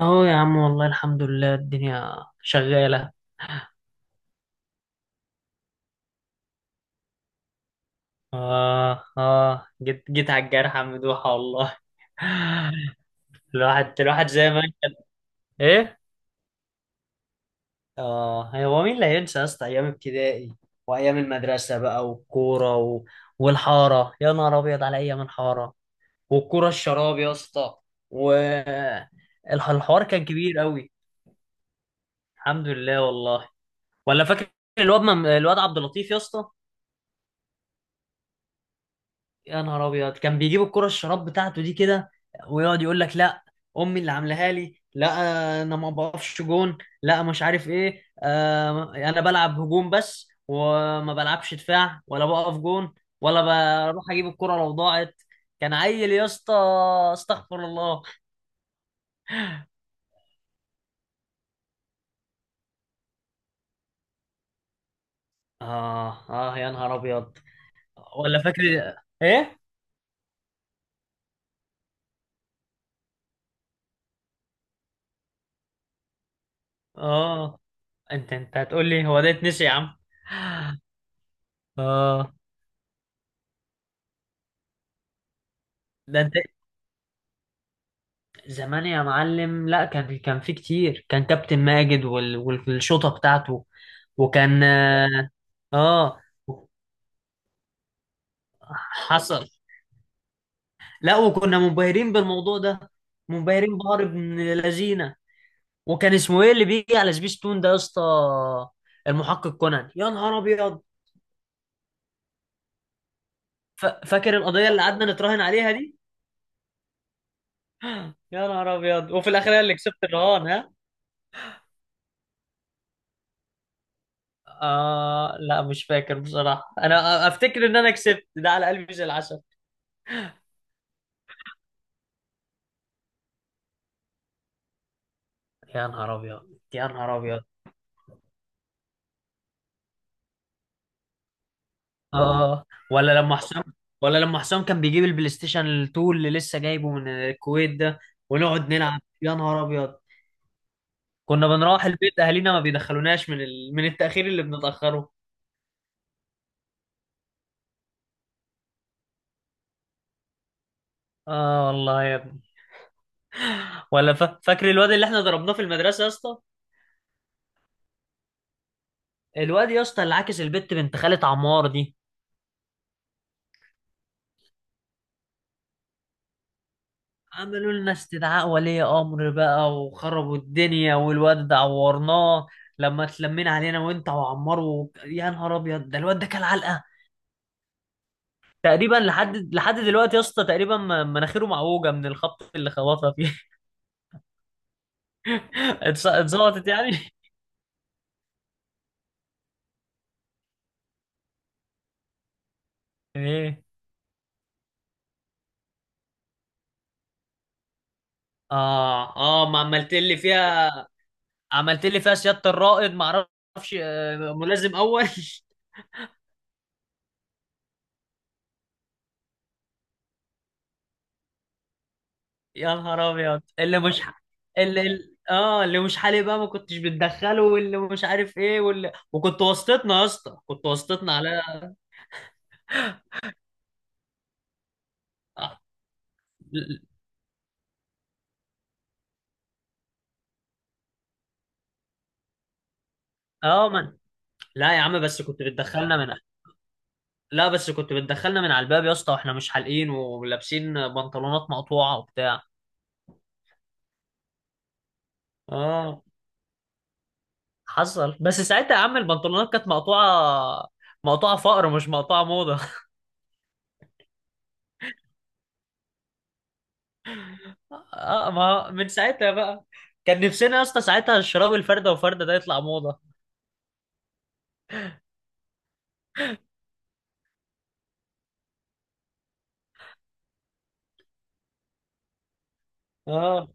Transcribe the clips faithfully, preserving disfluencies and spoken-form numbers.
اهو يا عم، والله الحمد لله الدنيا شغالة. اه اه، جيت جيت على الجرح يا مدوحة والله. الواحد الواحد زي ما كان. ايه. اه، هو مين اللي هينسى يا اسطى؟ ايام ابتدائي وايام المدرسة بقى والكورة و... والحارة، يا نهار ابيض على ايام الحارة والكورة الشراب يا اسطى. و الح- الحوار كان كبير قوي، الحمد لله والله. ولا فاكر الواد مم... الواد عبد اللطيف يا اسطى؟ يا نهار ابيض، كان بيجيب الكرة الشراب بتاعته دي كده، ويقعد يقول لك: لا، امي اللي عاملاها لي، لا انا ما بقفش جون، لا مش عارف ايه، آه، انا بلعب هجوم بس وما بلعبش دفاع ولا بقف جون، ولا بروح اجيب الكرة لو ضاعت. كان عيل يا اسطى، استغفر الله. اه اه يا نهار ابيض. ولا فاكر. ايه. اه. انت انت هتقول لي هو ده اتنسي يا عم؟ اه. ده انت زمان يا معلم. لا، كان كان في كتير. كان كابتن ماجد وال- وال- والشوطة بتاعته. وكان اه آه، حصل. لا، وكنا منبهرين بالموضوع ده، منبهرين بهار ابن لذينه. وكان اسمه ايه اللي بيجي على سبيستون ده يا اسطى؟ المحقق كونان يا نهار ابيض. ف- فاكر القضية اللي قعدنا نتراهن عليها دي؟ يا نهار ابيض، وفي الاخر هي اللي كسبت الرهان، ها. آه، لا مش فاكر بصراحة. انا افتكر ان انا كسبت، ده على قلبي زي العسل. يا نهار ابيض. يا نهار ابيض. اه. ولا لما حسام ولا لما حسام كان بيجيب البلاي ستيشن اتنين اللي لسه جايبه من الكويت ده، ونقعد نلعب يا نهار ابيض. كنا بنروح البيت، اهالينا ما بيدخلوناش من ال... من التاخير اللي بنتاخره. اه والله يا ابني. ولا ف... فاكر الواد اللي احنا ضربناه في المدرسه يا اسطى؟ الواد يا اسطى اللي عاكس البت بنت خالة عمار دي. عملوا لنا استدعاء ولي امر بقى، وخربوا الدنيا، والواد ده عورناه. لما اتلمينا علينا، وانت وعمار، و... يا نهار ابيض ده الواد ده كان علقه. تقريبا لحد لحد دلوقتي يا اسطى، تقريبا م- مناخيره معوجه من الخبط اللي خبطها فيه. اتس- اتظبطت يعني. ايه. اه اه، ما عملت لي فيها. عملت لي فيها سياده الرائد، ما اعرفش، آه، ملازم اول. يا نهار ابيض اللي مش ح... اللي ال- اه اللي مش حالي بقى ما كنتش بتدخله، واللي مش عارف ايه، واللي، وكنت واسطتنا يا اسطى، كنت واسطتنا على اه آه، من. لا يا عم، بس كنت بتدخلنا من. لا، بس كنت بتدخلنا من على الباب يا اسطى، واحنا مش حالقين ولابسين بنطلونات مقطوعه وبتاع. اه، حصل. بس ساعتها يا عم البنطلونات كانت مقطوعه، مقطوعه فقر مش مقطوعه موضه. اه، ما من ساعتها بقى. كان نفسنا يا اسطى ساعتها الشراب الفردة وفردة ده يطلع موضة. اه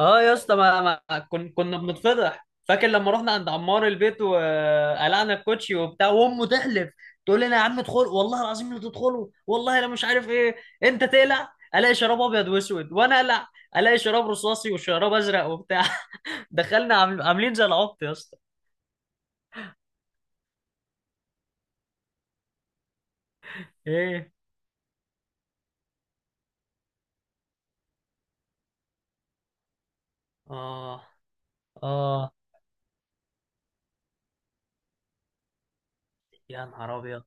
اه يا اسطى ما, ما كن كنا بنتفضح. فاكر لما رحنا عند عمار البيت، وقلعنا الكوتشي وبتاع، وامه تحلف، تقول لنا: يا عم ادخل، والله العظيم لا تدخلوا، والله انا مش عارف ايه. انت تقلع الاقي شراب ابيض واسود، وانا اقلع الاقي شراب رصاصي وشراب ازرق وبتاع. دخلنا عامل- عاملين زي العبط يا اسطى. ايه. اه اه يا نهار ابيض.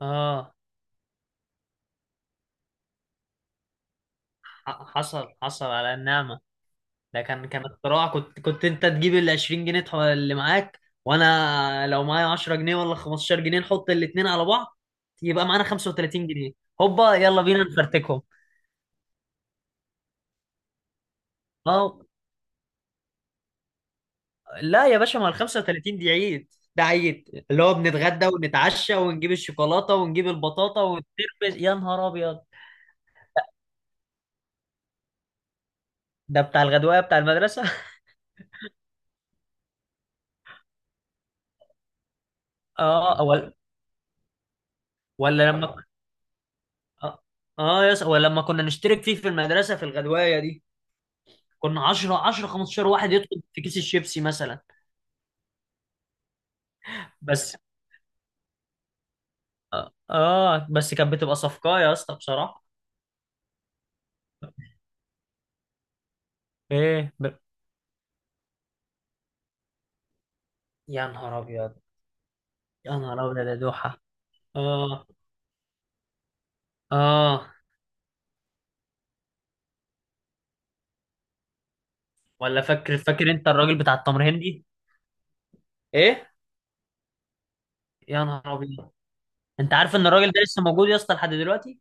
اه. ح- حصل حصل على النعمة. ده كان كان اختراع. كنت كنت انت تجيب ال عشرين جنيه تح- اللي معاك، وانا لو معايا عشرة جنيه ولا خمستاشر جنيه نحط الاتنين على بعض يبقى معانا خمسة وثلاثين جنيها. هوبا، يلا بينا نفرتكهم. اه. لا يا باشا، ما ال خمسة وثلاثين دي عيد. ده عيد، اللي هو بنتغدى ونتعشى ونجيب الشوكولاته ونجيب البطاطا ونتربس يا نهار ابيض. ده بتاع الغدوايه بتاع المدرسه. اه. ولا ولا لما اه، آه يس ولا لما كنا نشترك فيه في المدرسه في الغدوايه دي. كنا عشرة عشرة خمستاشر واحد يدخل في كيس الشيبسي مثلا. بس اه آه، بس كانت بتبقى صفقة يا اسطى بصراحة. ايه ب... يا نهار ابيض، يا نهار ابيض يا دوحة. اه اه. ولا فاكر فاكر انت الراجل بتاع التمر هندي؟ ايه. يا نهار ابيض. انت عارف ان الراجل ده لسه موجود يا اسطى لحد دلوقتي.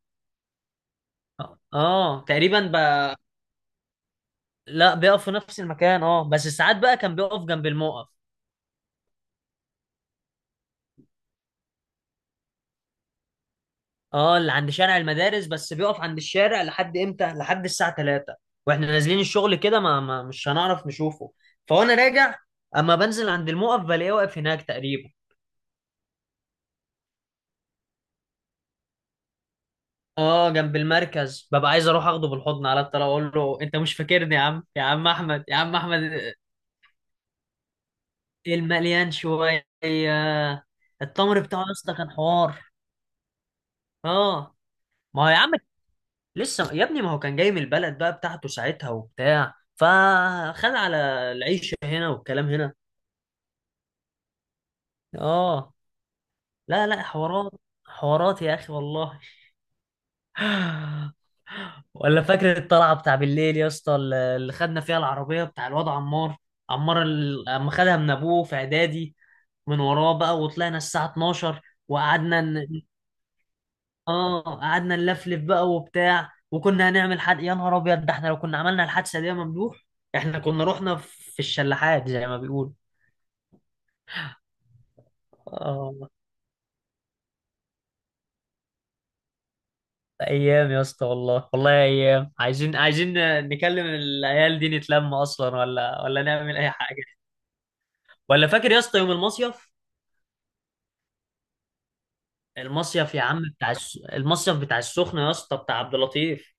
اه، آه، تقريبا بقى. لا، بيقف في نفس المكان، اه، بس ساعات بقى كان بيقف جنب الموقف. اه، اللي عند شارع المدارس، بس بيقف عند الشارع لحد امتى؟ لحد الساعة ثلاثة، واحنا نازلين الشغل كده ما, ما مش هنعرف نشوفه. فوانا راجع اما بنزل عند الموقف بلاقيه واقف هناك تقريبا. اه، جنب المركز. ببقى عايز اروح اخده بالحضن على الطلاق، اقول له: انت مش فاكرني يا عم؟ يا عم احمد، يا عم احمد. المليان شوية. التمر بتاعه يا اسطى كان حوار. اه. ما هو يا عم، لسه يا ابني، ما هو كان جاي من البلد بقى بتاعته ساعتها وبتاع، فخد على العيشة هنا والكلام هنا. اه. لا لا، حوارات، حوارات يا اخي والله. ولا فاكر الطلعه بتاع بالليل يا اسطى، اللي اللي خدنا فيها العربيه بتاع الواد عمار؟ عمار ال- اما خدها من ابوه في اعدادي، من وراه بقى، وطلعنا الساعه اتناشر، وقعدنا ن... اه، قعدنا نلفلف بقى وبتاع، وكنا هنعمل حد. يا نهار ابيض، ده احنا لو كنا عملنا الحادثه دي يا ممدوح، احنا كنا رحنا في الشلاحات زي ما بيقول. ايام يا اسطى والله، والله ايام. عايزين عايزين نكلم العيال دي، نتلم اصلا، ولا ولا نعمل اي حاجه. ولا فاكر يا اسطى يوم المصيف؟ المصيف يا عم بتاع الس... المصيف بتاع السخنه يا اسطى، بتاع عبد اللطيف،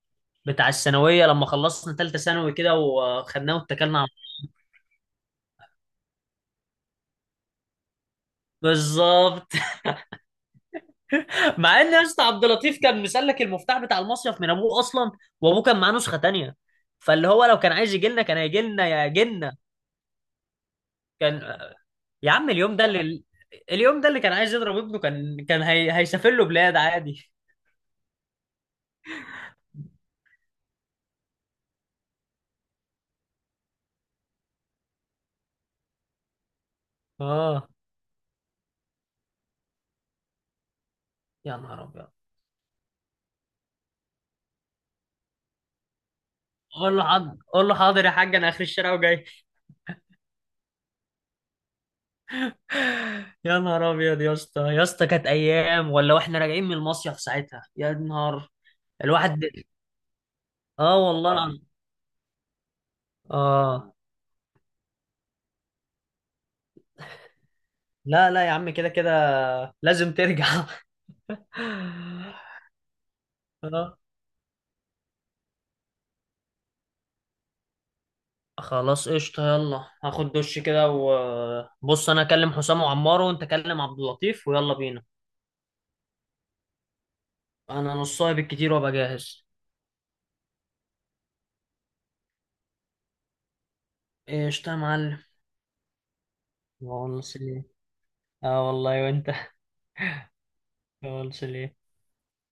بتاع الثانويه، لما خلصنا ثالثه ثانوي كده وخدناه واتكلنا على الله. بالظبط. مع ان يا اسطى عبد اللطيف كان مسلك المفتاح بتاع المصيف من ابوه اصلا، وابوه كان معاه نسخه تانيه. فاللي هو لو كان عايز يجي لنا كان هيجي لنا يا جنة. كان. يا عم اليوم ده اللي، اليوم ده اللي كان عايز يضرب ابنه، كان كان هي... هيسافر له بلاد عادي. اه، يا نهار ابيض. قول له حاضر، قول له حاضر يا حاج، انا اخر الشارع وجاي. يا نهار ابيض يا اسطى، يا اسطى كانت ايام. ولا واحنا راجعين من المصيف ساعتها، يا نهار، الواحد. اه والله العظيم. اه، لا لا يا عم، كده كده لازم ترجع. آه. خلاص قشطة، يلا هاخد دش كده وبص، انا اكلم حسام وعمار، وانت كلم عبد اللطيف ويلا بينا. انا نصها بالكتير وابقى جاهز. ايش يا معلم. ما هو نص ليه. اه والله وانت. ما هو نص ليه.